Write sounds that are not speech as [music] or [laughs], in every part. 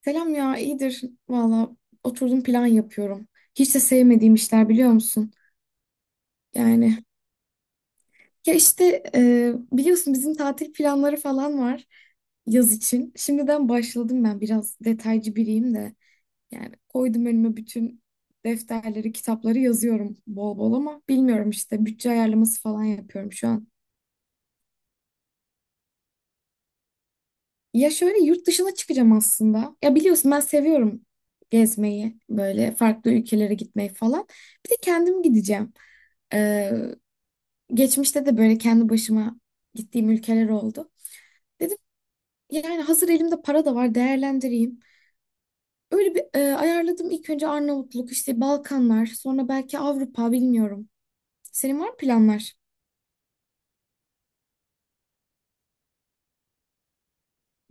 Selam ya, iyidir. Valla oturdum plan yapıyorum. Hiç de sevmediğim işler biliyor musun? Yani ya işte biliyorsun bizim tatil planları falan var yaz için. Şimdiden başladım ben biraz detaycı biriyim de. Yani koydum önüme bütün defterleri, kitapları yazıyorum bol bol ama bilmiyorum işte bütçe ayarlaması falan yapıyorum şu an. Ya şöyle yurt dışına çıkacağım aslında. Ya biliyorsun ben seviyorum gezmeyi, böyle farklı ülkelere gitmeyi falan. Bir de kendim gideceğim. Ee, Geçmişte de böyle kendi başıma gittiğim ülkeler oldu. Dedim yani hazır elimde para da var değerlendireyim. Öyle bir ayarladım ilk önce Arnavutluk, işte Balkanlar, sonra belki Avrupa bilmiyorum. Senin var mı planlar?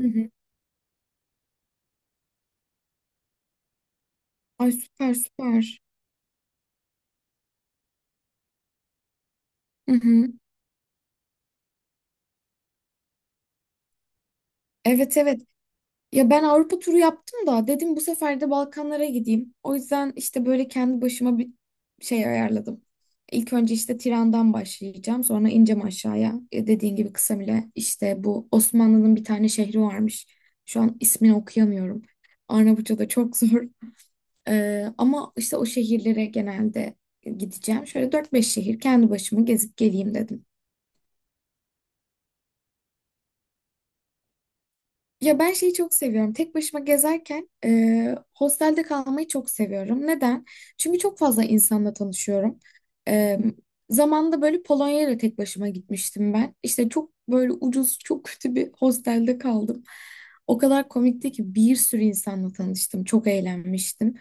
Hı hı. Ay, süper, süper. Hı hı. Evet, evet. Ya ben Avrupa turu yaptım da dedim bu sefer de Balkanlara gideyim. O yüzden işte böyle kendi başıma bir şey ayarladım. İlk önce işte Tiran'dan başlayacağım. Sonra ineceğim aşağıya. E, dediğin gibi Kısamile işte bu Osmanlı'nın bir tane şehri varmış. Şu an ismini okuyamıyorum. Arnavutça da çok [laughs] zor. Ama işte o şehirlere genelde gideceğim. Şöyle 4-5 şehir kendi başıma gezip geleyim dedim. Ya ben şeyi çok seviyorum. Tek başıma gezerken hostelde kalmayı çok seviyorum. Neden? Çünkü çok fazla insanla tanışıyorum. E, Zamanında böyle Polonya'ya da tek başıma gitmiştim ben. İşte çok böyle ucuz, çok kötü bir hostelde kaldım. O kadar komikti ki bir sürü insanla tanıştım. Çok eğlenmiştim.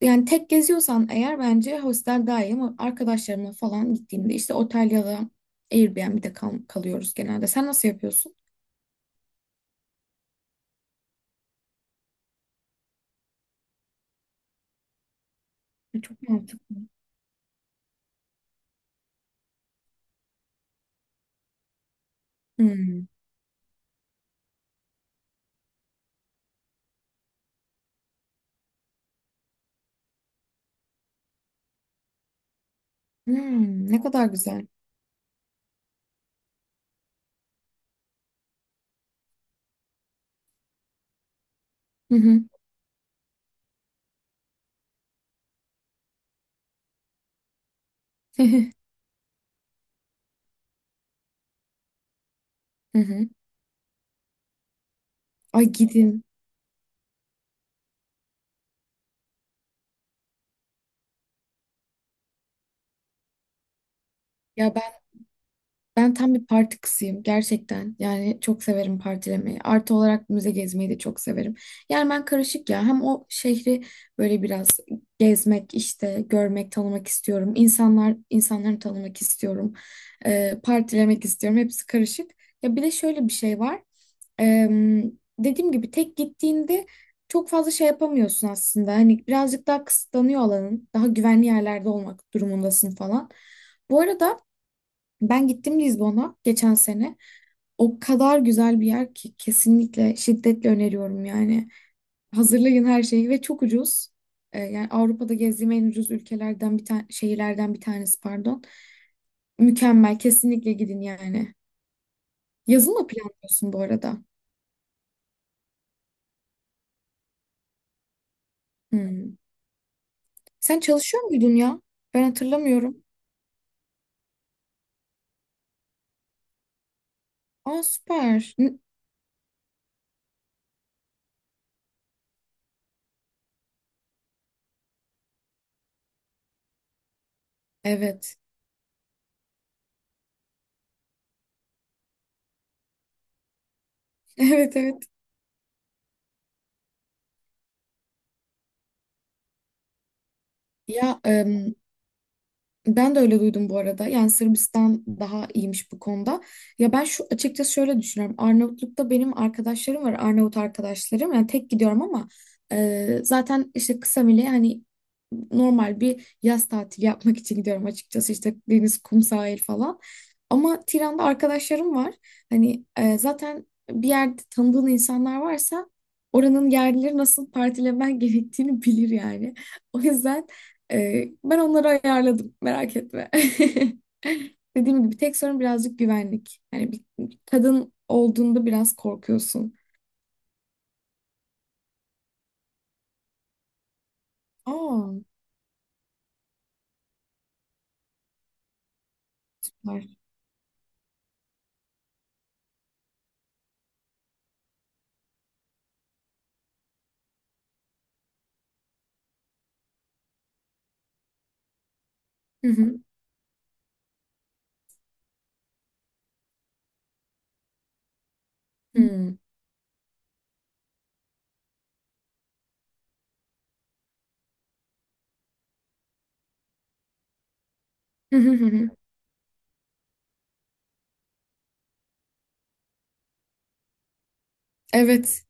Yani tek geziyorsan eğer bence hostel daha iyi ama arkadaşlarımla falan gittiğimde işte otel ya da Airbnb'de kalıyoruz genelde. Sen nasıl yapıyorsun? Çok mantıklı. Hmm. Hmm, ne kadar güzel. Hı hı. [laughs] Hı hı. Ay, gidin. Ya ben tam bir parti kızıyım gerçekten. Yani çok severim partilemeyi. Artı olarak müze gezmeyi de çok severim. Yani ben karışık ya. Hem o şehri böyle biraz gezmek, işte görmek, tanımak istiyorum. İnsanları tanımak istiyorum. Partilemek istiyorum. Hepsi karışık. Ya bir de şöyle bir şey var. Em, Dediğim gibi tek gittiğinde çok fazla şey yapamıyorsun aslında. Hani birazcık daha kısıtlanıyor alanın. Daha güvenli yerlerde olmak durumundasın falan. Bu arada ben gittim Lizbon'a geçen sene. O kadar güzel bir yer ki kesinlikle şiddetle öneriyorum yani. Hazırlayın her şeyi ve çok ucuz. E, yani Avrupa'da gezdiğim en ucuz ülkelerden bir tane şehirlerden bir tanesi, pardon. Mükemmel, kesinlikle gidin yani. Yazın mı planlıyorsun bu arada? Hmm. Sen çalışıyor muydun ya? Ben hatırlamıyorum. Aa, süper. N- Evet. [laughs] Evet, evet. Ya ben de öyle duydum bu arada. Yani Sırbistan daha iyiymiş bu konuda. Ya ben şu açıkçası şöyle düşünüyorum. Arnavutluk'ta benim arkadaşlarım var. Arnavut arkadaşlarım. Yani tek gidiyorum ama zaten işte kısa bile hani normal bir yaz tatili yapmak için gidiyorum açıkçası. İşte deniz, kum, sahil falan. Ama Tiran'da arkadaşlarım var. Hani zaten bir yerde tanıdığın insanlar varsa oranın yerlileri nasıl partilemen [laughs] gerektiğini bilir yani. [laughs] O yüzden ben onları ayarladım. Merak etme. [laughs] Dediğim gibi tek sorun birazcık güvenlik. Yani bir kadın olduğunda biraz korkuyorsun. Aa, var. Hı hı. Hı. Hı hı, hı hı. Evet.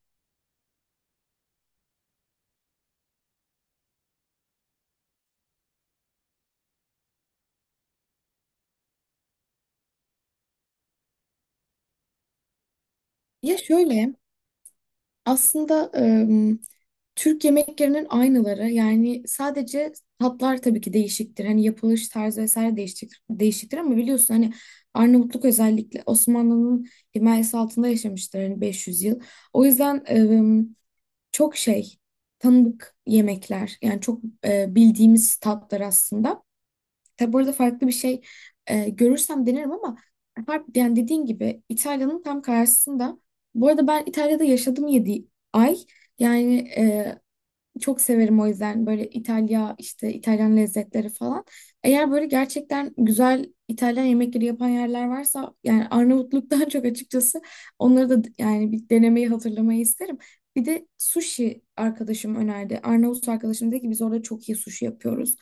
Ya şöyle aslında Türk yemeklerinin aynıları yani sadece tatlar tabii ki değişiktir. Hani yapılış tarzı vesaire değişiktir ama biliyorsun hani Arnavutluk özellikle Osmanlı'nın himayesi altında yaşamıştır hani 500 yıl. O yüzden çok şey, tanıdık yemekler yani çok bildiğimiz tatlar aslında. Tabi burada farklı bir şey görürsem denerim ama harp, yani dediğin gibi İtalya'nın tam karşısında. Bu arada ben İtalya'da yaşadım 7 ay. Yani çok severim o yüzden böyle İtalya, işte İtalyan lezzetleri falan. Eğer böyle gerçekten güzel İtalyan yemekleri yapan yerler varsa yani Arnavutluk'tan [laughs] çok açıkçası onları da yani bir denemeyi, hatırlamayı isterim. Bir de sushi arkadaşım önerdi. Arnavut arkadaşım dedi ki biz orada çok iyi sushi yapıyoruz.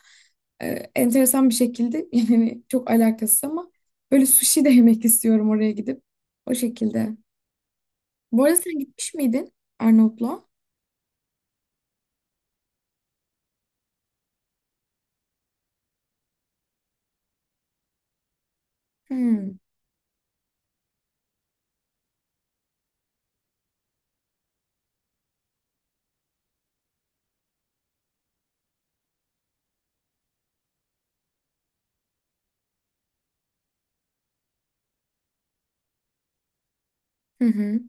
Ee, Enteresan bir şekilde [laughs] yani çok alakasız ama böyle sushi de yemek istiyorum oraya gidip. O şekilde. Bu arada sen gitmiş miydin Arnavutluğa? Hmm. Hı hı.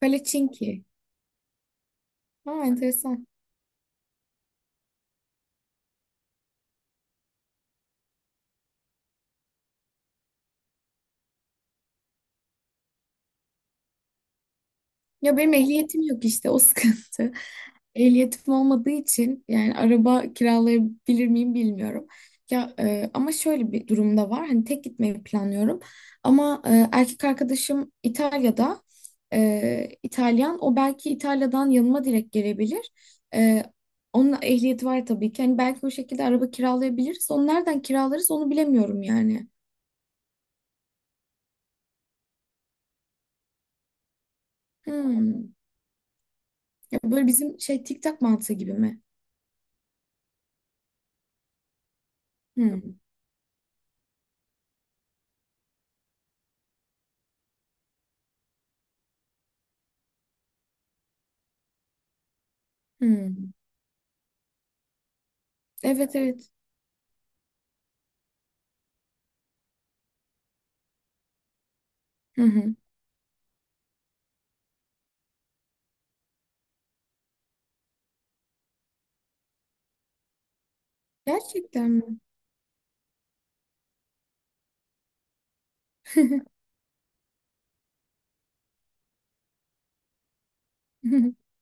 Palacinki. Ha, enteresan. Ya benim ehliyetim yok işte o [laughs] sıkıntı. Ehliyetim olmadığı için yani araba kiralayabilir miyim bilmiyorum. Ya ama şöyle bir durumda var. Hani tek gitmeyi planlıyorum. Ama erkek arkadaşım İtalya'da, İtalyan. O belki İtalya'dan yanıma direkt gelebilir. E, Onun ehliyeti var tabii ki. Hani belki o şekilde araba kiralayabiliriz. Onu nereden kiralarız onu bilemiyorum yani. Hmm. Ya böyle bizim şey TikTok mantığı gibi mi? Hmm. Hmm. Evet, evet. Hı hı. Gerçekten mi? [laughs]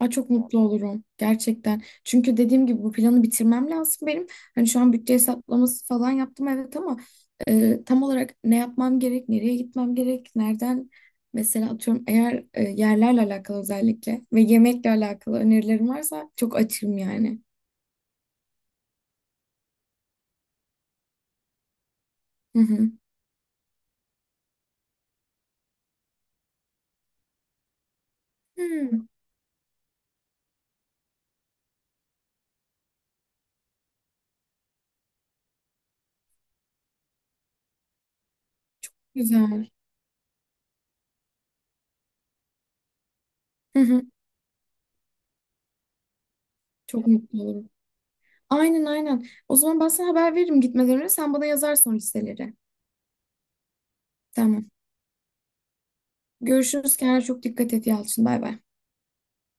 Aa, çok mutlu olurum. Gerçekten. Çünkü dediğim gibi bu planı bitirmem lazım benim. Hani şu an bütçe hesaplaması falan yaptım evet ama tam olarak ne yapmam gerek, nereye gitmem gerek, nereden mesela atıyorum eğer yerlerle alakalı özellikle ve yemekle alakalı önerilerim varsa çok açığım yani. Hı hı. Hı, güzel. Hı hı. Çok mutlu olurum. Aynen, aynen. O zaman ben sana haber veririm gitmeden önce. Sen bana yazarsın o listeleri. Tamam. Görüşürüz. Kendine çok dikkat et, Yalçın. Bay bay.